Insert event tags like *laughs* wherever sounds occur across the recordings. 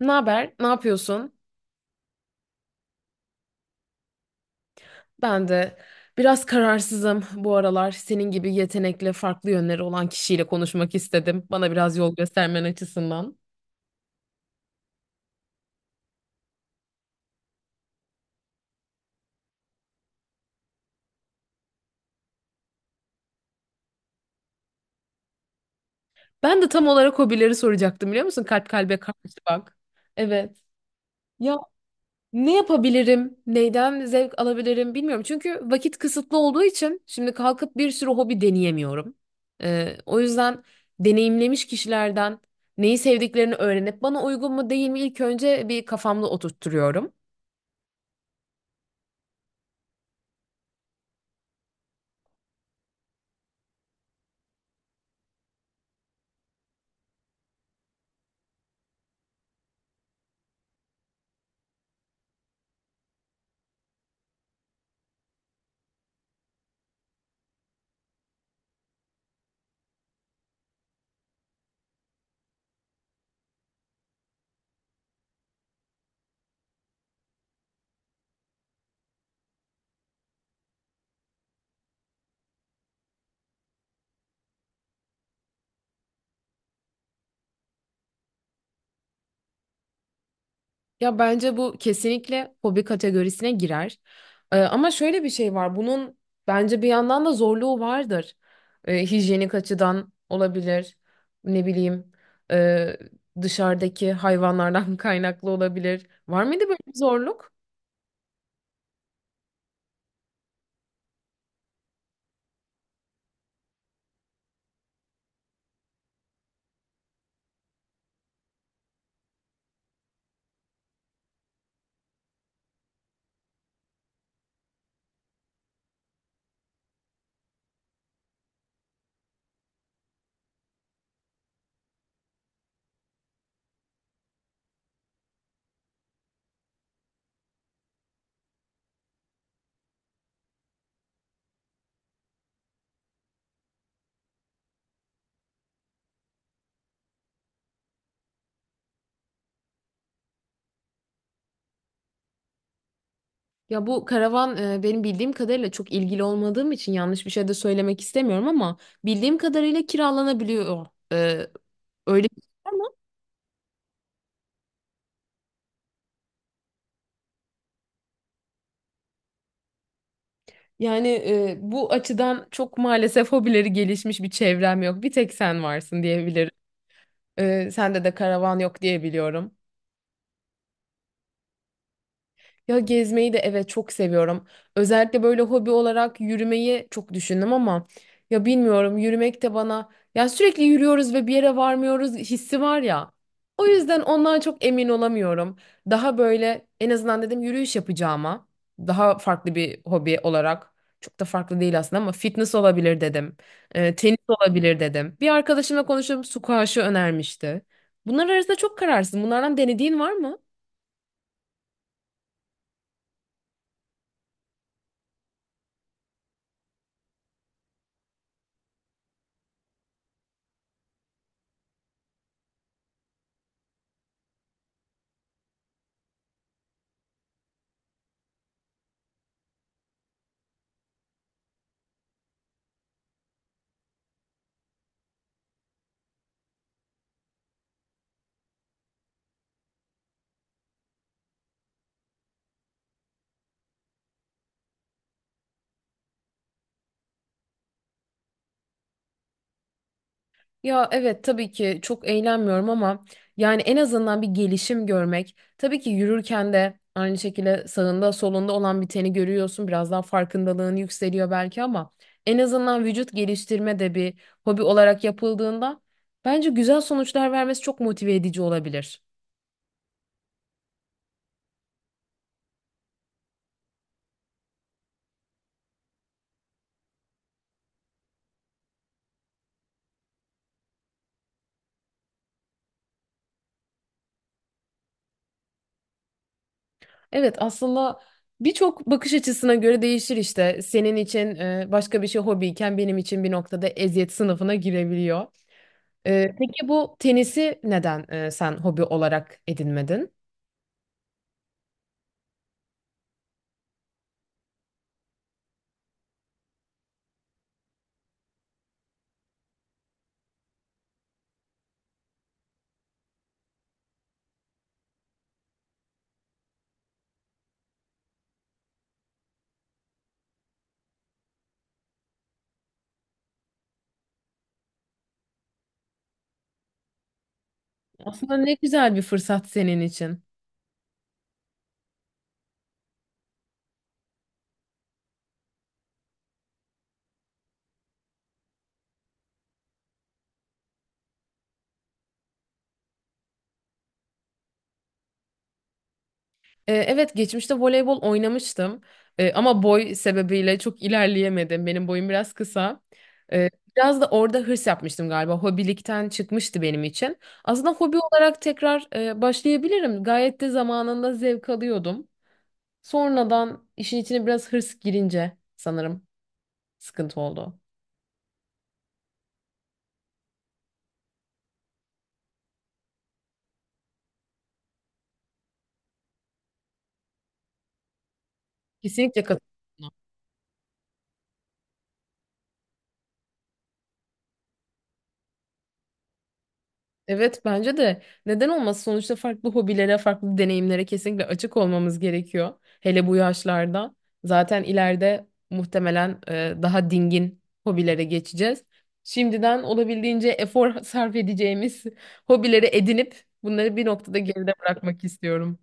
Ne haber? Ne yapıyorsun? Ben de biraz kararsızım bu aralar. Senin gibi yetenekli, farklı yönleri olan kişiyle konuşmak istedim. Bana biraz yol göstermen açısından. Ben de tam olarak hobileri soracaktım, biliyor musun? Kalp kalbe karşı bak. Evet. Ya, ne yapabilirim? Neyden zevk alabilirim bilmiyorum. Çünkü vakit kısıtlı olduğu için şimdi kalkıp bir sürü hobi deneyemiyorum. O yüzden deneyimlemiş kişilerden neyi sevdiklerini öğrenip bana uygun mu değil mi ilk önce bir kafamda oturtturuyorum. Ya, bence bu kesinlikle hobi kategorisine girer. Ama şöyle bir şey var. Bunun bence bir yandan da zorluğu vardır. Hijyenik açıdan olabilir. Ne bileyim, e, dışarıdaki hayvanlardan *laughs* kaynaklı olabilir. Var mıydı böyle bir zorluk? Ya bu karavan benim bildiğim kadarıyla çok ilgili olmadığım için yanlış bir şey de söylemek istemiyorum, ama bildiğim kadarıyla kiralanabiliyor. Ee, öyle bir şey var mı? Yani bu açıdan çok maalesef hobileri gelişmiş bir çevrem yok. Bir tek sen varsın diyebilirim. Sende de karavan yok diye biliyorum. Ya gezmeyi de evet çok seviyorum. Özellikle böyle hobi olarak yürümeyi çok düşündüm ama ya bilmiyorum, yürümek de bana, ya sürekli yürüyoruz ve bir yere varmıyoruz hissi var ya. O yüzden ondan çok emin olamıyorum. Daha böyle en azından dedim yürüyüş yapacağıma daha farklı bir hobi olarak, çok da farklı değil aslında ama fitness olabilir dedim. Tenis olabilir dedim. Bir arkadaşımla konuşup squash'ı önermişti. Bunlar arasında çok kararsız. Bunlardan denediğin var mı? Ya evet, tabii ki çok eğlenmiyorum ama yani en azından bir gelişim görmek. Tabii ki yürürken de aynı şekilde sağında solunda olan biteni görüyorsun. Biraz daha farkındalığın yükseliyor belki ama en azından vücut geliştirme de bir hobi olarak yapıldığında bence güzel sonuçlar vermesi çok motive edici olabilir. Evet, aslında birçok bakış açısına göre değişir işte. Senin için başka bir şey hobiyken benim için bir noktada eziyet sınıfına girebiliyor. Peki bu tenisi neden sen hobi olarak edinmedin? Aslında ne güzel bir fırsat senin için. Evet geçmişte voleybol oynamıştım, ama boy sebebiyle çok ilerleyemedim. Benim boyum biraz kısa. E, Biraz da orada hırs yapmıştım galiba. Hobilikten çıkmıştı benim için. Aslında hobi olarak tekrar başlayabilirim. Gayet de zamanında zevk alıyordum. Sonradan işin içine biraz hırs girince sanırım sıkıntı oldu. Kesinlikle katılıyorum. Evet, bence de neden olmaz, sonuçta farklı hobilere, farklı deneyimlere kesinlikle açık olmamız gerekiyor. Hele bu yaşlarda zaten ileride muhtemelen daha dingin hobilere geçeceğiz. Şimdiden olabildiğince efor *laughs* sarf edeceğimiz hobileri edinip bunları bir noktada geride bırakmak istiyorum.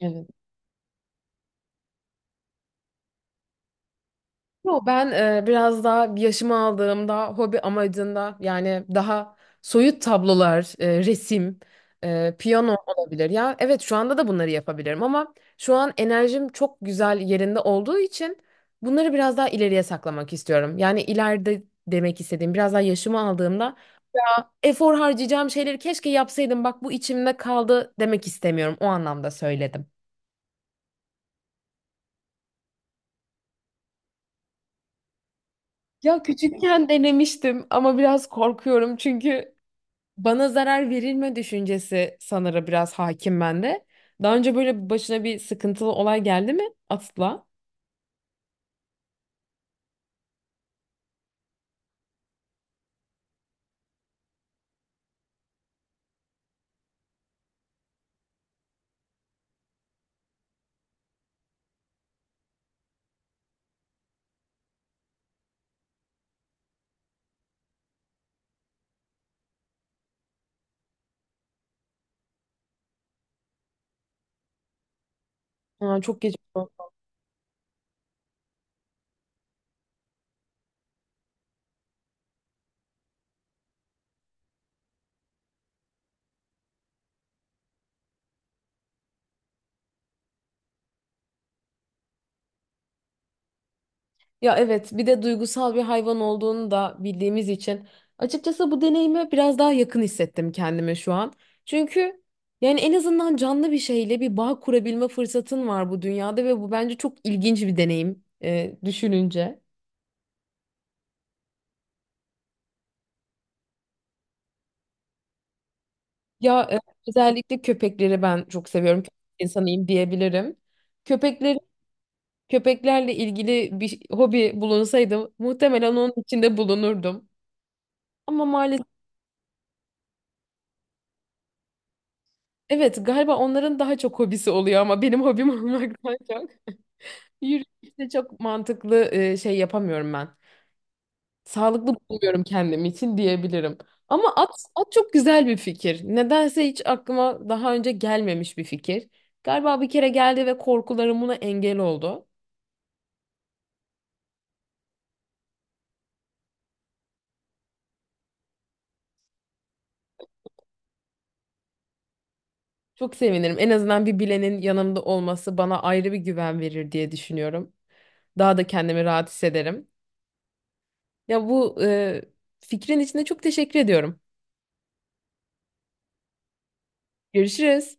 Evet. Yo, ben biraz daha yaşımı aldığımda hobi amacında, yani daha soyut tablolar, resim, piyano olabilir. Ya evet, şu anda da bunları yapabilirim ama şu an enerjim çok güzel yerinde olduğu için bunları biraz daha ileriye saklamak istiyorum. Yani ileride demek istediğim, biraz daha yaşımı aldığımda efor harcayacağım şeyleri keşke yapsaydım, bak bu içimde kaldı demek istemiyorum. O anlamda söyledim. Ya küçükken denemiştim ama biraz korkuyorum, çünkü bana zarar verilme düşüncesi sanırım biraz hakim bende. Daha önce böyle başına bir sıkıntılı olay geldi mi atla? Aa, çok geç. Ya evet, bir de duygusal bir hayvan olduğunu da bildiğimiz için açıkçası bu deneyime biraz daha yakın hissettim kendimi şu an. Çünkü yani en azından canlı bir şeyle bir bağ kurabilme fırsatın var bu dünyada ve bu bence çok ilginç bir deneyim düşününce. Ya özellikle köpekleri ben çok seviyorum. Köpek insanıyım diyebilirim. Köpekleri köpeklerle ilgili bir hobi bulunsaydı muhtemelen onun içinde bulunurdum. Ama maalesef. Evet, galiba onların daha çok hobisi oluyor ama benim hobim *laughs* olmaktan çok yürüyüşte çok mantıklı şey yapamıyorum ben. Sağlıklı bulmuyorum kendim için diyebilirim. Ama at, at çok güzel bir fikir. Nedense hiç aklıma daha önce gelmemiş bir fikir. Galiba bir kere geldi ve korkularım buna engel oldu. Çok sevinirim. En azından bir bilenin yanımda olması bana ayrı bir güven verir diye düşünüyorum. Daha da kendimi rahat hissederim. Ya bu fikrin içinde çok teşekkür ediyorum. Görüşürüz.